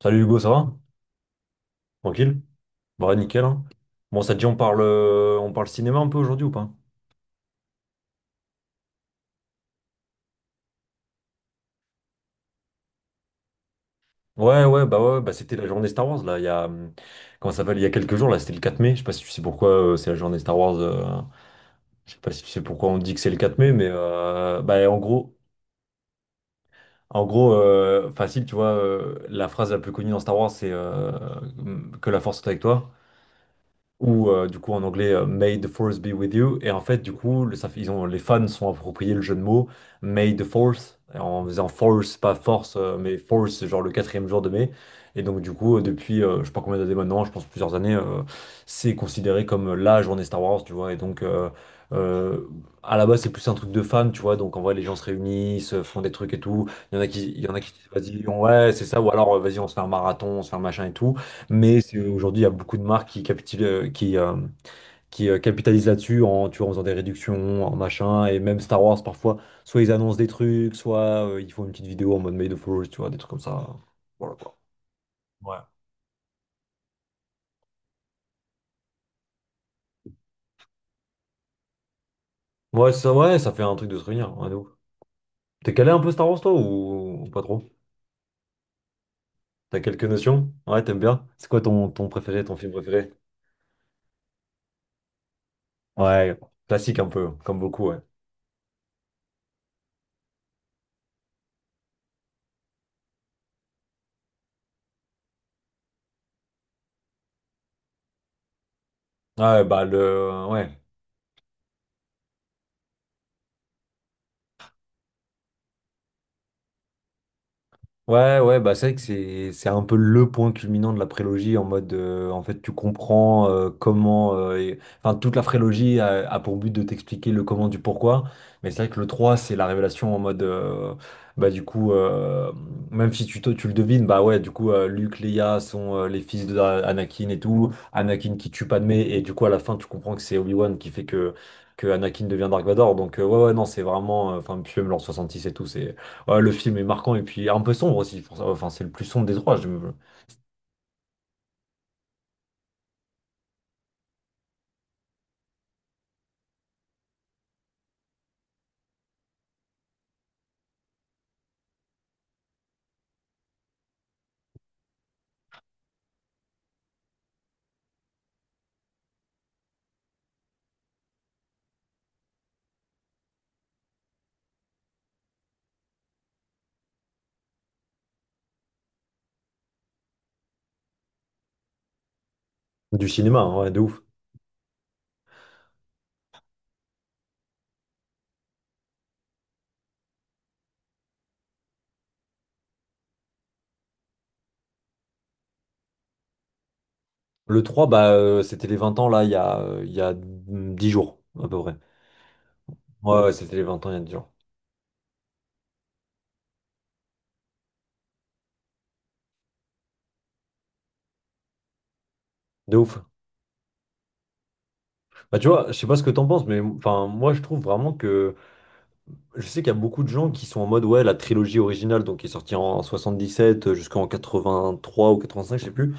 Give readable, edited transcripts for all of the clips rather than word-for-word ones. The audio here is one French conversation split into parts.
Salut Hugo, ça va? Tranquille? Bah nickel hein. Bon, ça te dit, on parle cinéma un peu aujourd'hui ou pas? Ouais, ouais, bah ouais, ouais, bah c'était la journée Star Wars là, il y a comment ça s'appelle, il y a quelques jours, là c'était le 4 mai. Je sais pas si tu sais pourquoi c'est la journée Star Wars, je sais pas si tu sais pourquoi on dit que c'est le 4 mai, mais bah en gros, facile, tu vois, la phrase la plus connue dans Star Wars, c'est que la force soit avec toi, ou du coup, en anglais, May the Force be with you. Et en fait, du coup, le- ça fait- ils ont, les fans sont appropriés le jeu de mots May the Force, en faisant force, pas force, mais force, c'est genre le quatrième jour de mai. Et donc, du coup, depuis je sais pas combien d'années maintenant, je pense plusieurs années, c'est considéré comme la journée Star Wars, tu vois. Et donc, euh, à la base, c'est plus un truc de fans, tu vois. Donc, en vrai, les gens se réunissent, font des trucs et tout. Il y en a qui, il y en a qui disent, vas-y, ouais, c'est ça, ou alors, vas-y, on se fait un marathon, on se fait un machin et tout. Mais aujourd'hui, il y a beaucoup de marques qui capitalisent là-dessus, en, tu vois, en faisant des réductions, en machin. Et même Star Wars, parfois, soit ils annoncent des trucs, soit ils font une petite vidéo en mode Made of Heroes, tu vois, des trucs comme ça. Voilà quoi. Ouais. Ouais, ça fait un truc de se réunir, ouais, de ouf. T'es calé un peu Star Wars, toi, ou pas trop? T'as quelques notions? Ouais, t'aimes bien? C'est quoi ton préféré, ton film préféré? Ouais, classique un peu, comme beaucoup, ouais. Ouais, bah le. Ouais. Ouais, ouais, bah c'est vrai que c'est un peu le point culminant de la prélogie en mode en fait tu comprends comment enfin toute la prélogie a pour but de t'expliquer le comment du pourquoi, mais c'est vrai que le trois, c'est la révélation en mode bah du coup même si tu le devines, bah ouais, du coup Luke, Leia sont les fils de Anakin et tout, Anakin qui tue Padmé, et du coup à la fin tu comprends que c'est Obi-Wan qui fait que Anakin devient Dark Vador, donc ouais, ouais, non c'est vraiment enfin puis même l'an 66 et tout c'est. Ouais, le film est marquant et puis un peu sombre aussi, pour ça. Enfin, c'est le plus sombre des trois, du cinéma, hein, ouais, de ouf. Le 3, bah, c'était les 20 ans, là, il y a 10 jours, à peu près. Ouais, ouais, c'était les 20 ans, il y a 10 jours. De ouf. Bah, tu vois, je sais pas ce que t'en penses, mais enfin, moi, je trouve vraiment que. Je sais qu'il y a beaucoup de gens qui sont en mode, ouais, la trilogie originale, donc qui est sortie en 77 jusqu'en quatre-vingt-trois ou 85, je sais plus.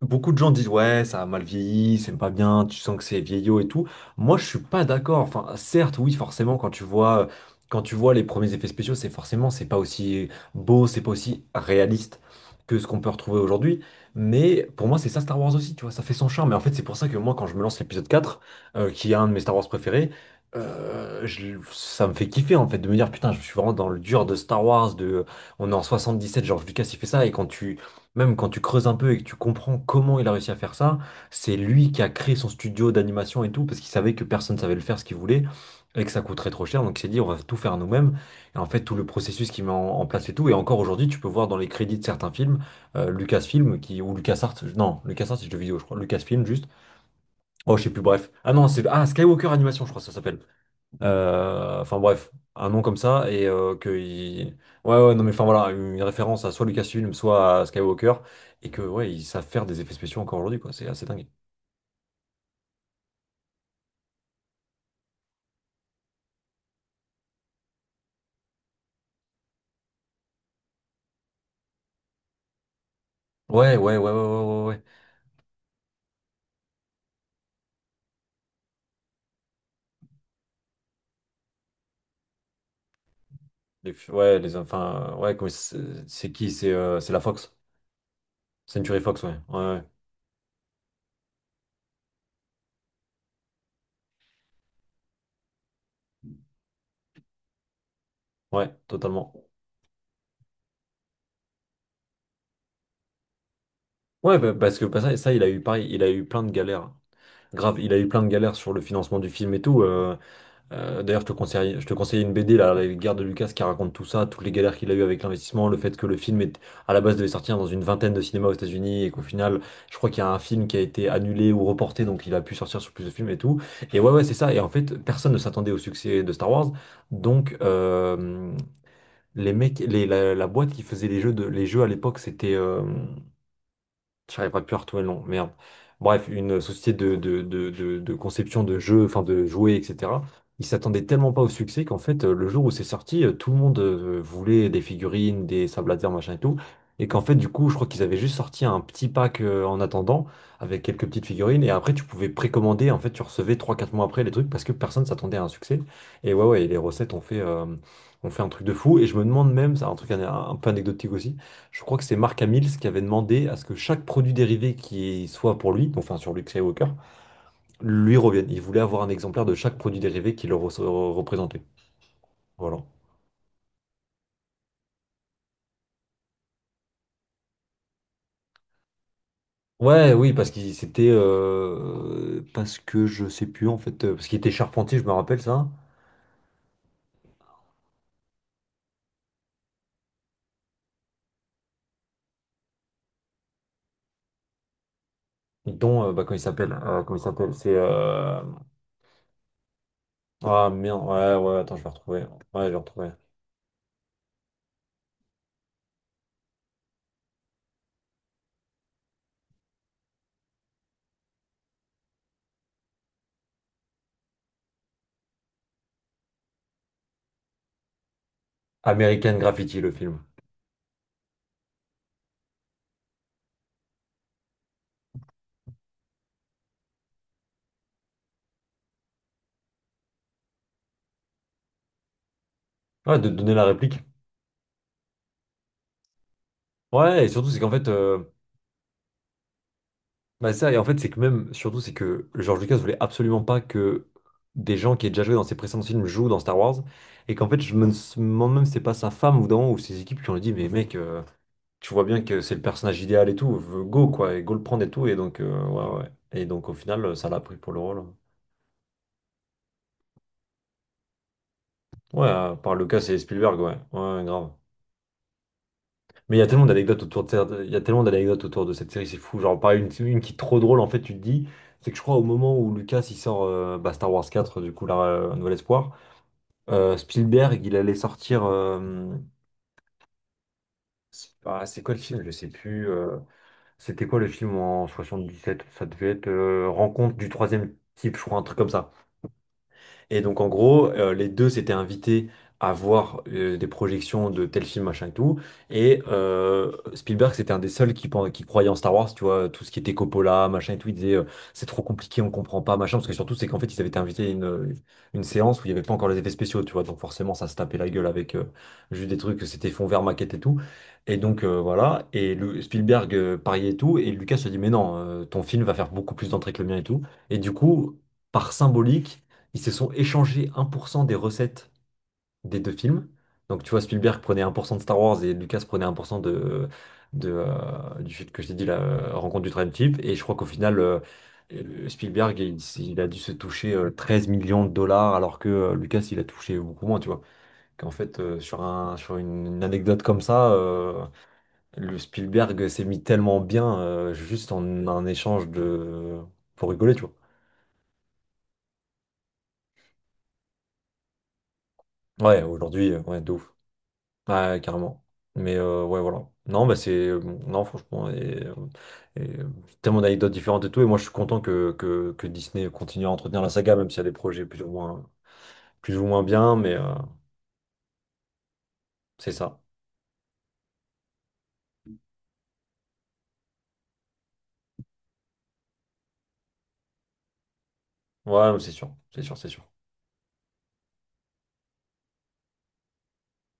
Beaucoup de gens disent, ouais, ça a mal vieilli, c'est pas bien, tu sens que c'est vieillot et tout. Moi, je suis pas d'accord. Enfin, certes, oui, forcément, quand tu vois les premiers effets spéciaux, c'est forcément, c'est pas aussi beau, c'est pas aussi réaliste que ce qu'on peut retrouver aujourd'hui. Mais pour moi, c'est ça Star Wars aussi, tu vois, ça fait son charme. Et en fait, c'est pour ça que moi, quand je me lance l'épisode quatre, qui est un de mes Star Wars préférés, ça me fait kiffer en fait de me dire putain, je suis vraiment dans le dur de Star Wars, de, on est en 77, George Lucas il fait ça, et quand tu creuses un peu et que tu comprends comment il a réussi à faire ça. C'est lui qui a créé son studio d'animation et tout, parce qu'il savait que personne savait le faire ce qu'il voulait, et que ça coûterait trop cher. Donc il s'est dit, on va tout faire nous-mêmes. Et en fait, tout le processus qu'il met en place et tout. Et encore aujourd'hui, tu peux voir dans les crédits de certains films, Lucasfilm qui, ou LucasArts. Non, LucasArts c'est le jeu vidéo, je crois. Lucasfilm juste. Oh, je sais plus, bref. Ah non, Skywalker Animation, je crois que ça s'appelle. Enfin bref, un nom comme ça, et ouais, ouais, non mais enfin voilà, une référence à soit Lucasfilm soit à Skywalker, et que ouais, ils savent faire des effets spéciaux encore aujourd'hui quoi, c'est assez dingue. Ouais, ouais, ouais, ouais, ouais, ouais, ouais, ouais. Ouais, les, enfin, ouais, comment, c'est qui, c'est la Fox, Century Fox, ouais, ouais, ouais, ouais, totalement. Ouais bah, parce que bah, ça il a eu pareil, il a eu plein de galères, grave, il a eu plein de galères sur le financement du film et tout, euh, d'ailleurs, je te conseille, une BD, là, La guerre de Lucas, qui raconte tout ça, toutes les galères qu'il a eues avec l'investissement, le fait que le film est, à la base, devait sortir dans une vingtaine de cinémas aux États-Unis, et qu'au final, je crois qu'il y a un film qui a été annulé ou reporté, donc il a pu sortir sur plus de films et tout. Et ouais, ouais, c'est ça. Et en fait, personne ne s'attendait au succès de Star Wars. Donc, les mecs, la boîte qui faisait les jeux, de, les jeux à l'époque, c'était. J'arriverai plus à retrouver le nom, merde. Bref, une société de, de conception de jeux, enfin de jouets, etc. Ils s'attendaient tellement pas au succès qu'en fait, le jour où c'est sorti, tout le monde voulait des figurines, des sables laser, machin et tout. Et qu'en fait, du coup, je crois qu'ils avaient juste sorti un petit pack, en attendant, avec quelques petites figurines. Et après, tu pouvais précommander. En fait, tu recevais trois quatre mois après les trucs parce que personne s'attendait à un succès. Et ouais, ouais, et les recettes ont fait un truc de fou. Et je me demande même, c'est un truc un peu anecdotique aussi. Je crois que c'est Mark Hamill qui avait demandé à ce que chaque produit dérivé qui soit pour lui, donc, enfin sur Luke Skywalker, lui revienne. Il voulait avoir un exemplaire de chaque produit dérivé qui le représentait. Voilà. Ouais, oui, parce qu'il c'était parce que je sais plus en fait, parce qu'il était charpentier, je me rappelle ça, hein. Dont bah, comment il s'appelle, c'est ouais, ouais, attends, je vais retrouver, ouais, je vais retrouver. American Graffiti, le film. Ouais, de donner la réplique. Ouais, et surtout c'est qu'en fait, bah ça, et en fait, c'est que même, surtout, c'est que George Lucas voulait absolument pas que des gens qui aient déjà joué dans ses précédents films jouent dans Star Wars. Et qu'en fait, je me demande même si c'est pas sa femme ou dans ou ses équipes qui ont dit, mais mec, tu vois bien que c'est le personnage idéal et tout, go quoi, et go le prendre et tout. Et donc, ouais, ouais. Et donc, au final, ça l'a pris pour le rôle. Ouais, par Lucas et Spielberg, ouais, ouais, grave. Mais il y a tellement d'anecdotes autour de cette... il y a tellement d'anecdotes autour de cette série, c'est fou. Genre, pareil, une qui est trop drôle, en fait, tu te dis, c'est que je crois au moment où Lucas il sort bah, Star Wars 4 du coup, là, Un Nouvel Espoir, Spielberg, il allait sortir. C'est quoi le film? Je sais plus. C'était quoi le film en soixante dix sept? Ça devait être Rencontre du troisième type, je crois, un truc comme ça. Et donc, en gros, les deux s'étaient invités à voir des projections de tel film, machin et tout. Et Spielberg, c'était un des seuls qui, qui croyait en Star Wars, tu vois, tout ce qui était Coppola, machin et tout. Il disait, c'est trop compliqué, on comprend pas, machin. Parce que surtout, c'est qu'en fait, ils avaient été invités à une séance où il n'y avait pas encore les effets spéciaux, tu vois. Donc, forcément, ça se tapait la gueule avec juste des trucs, c'était fond vert, maquette et tout. Et donc, voilà. Et le, Spielberg pariait et tout. Et Lucas se dit, mais non, ton film va faire beaucoup plus d'entrées que le mien et tout. Et du coup, par symbolique, ils se sont échangés 1% des recettes des deux films. Donc tu vois, Spielberg prenait 1% de Star Wars et Lucas prenait 1% de, du film que je t'ai dit, la Rencontre du troisième type. Et je crois qu'au final, Spielberg, il a dû se toucher 13 millions de dollars, alors que Lucas, il a touché beaucoup moins, tu vois. Qu'en fait, sur un, sur une anecdote comme ça, le Spielberg s'est mis tellement bien juste en un échange de... pour rigoler, tu vois. Ouais, aujourd'hui, ouais, de ouf. Ouais, carrément. Mais ouais, voilà. Non, bah c'est bon. Non, franchement, et, euh, tellement d'anecdotes différentes et tout. Et moi, je suis content que, que Disney continue à entretenir la saga, même s'il y a des projets plus ou moins bien. Mais c'est ça. Ouais, c'est sûr. C'est sûr, c'est sûr.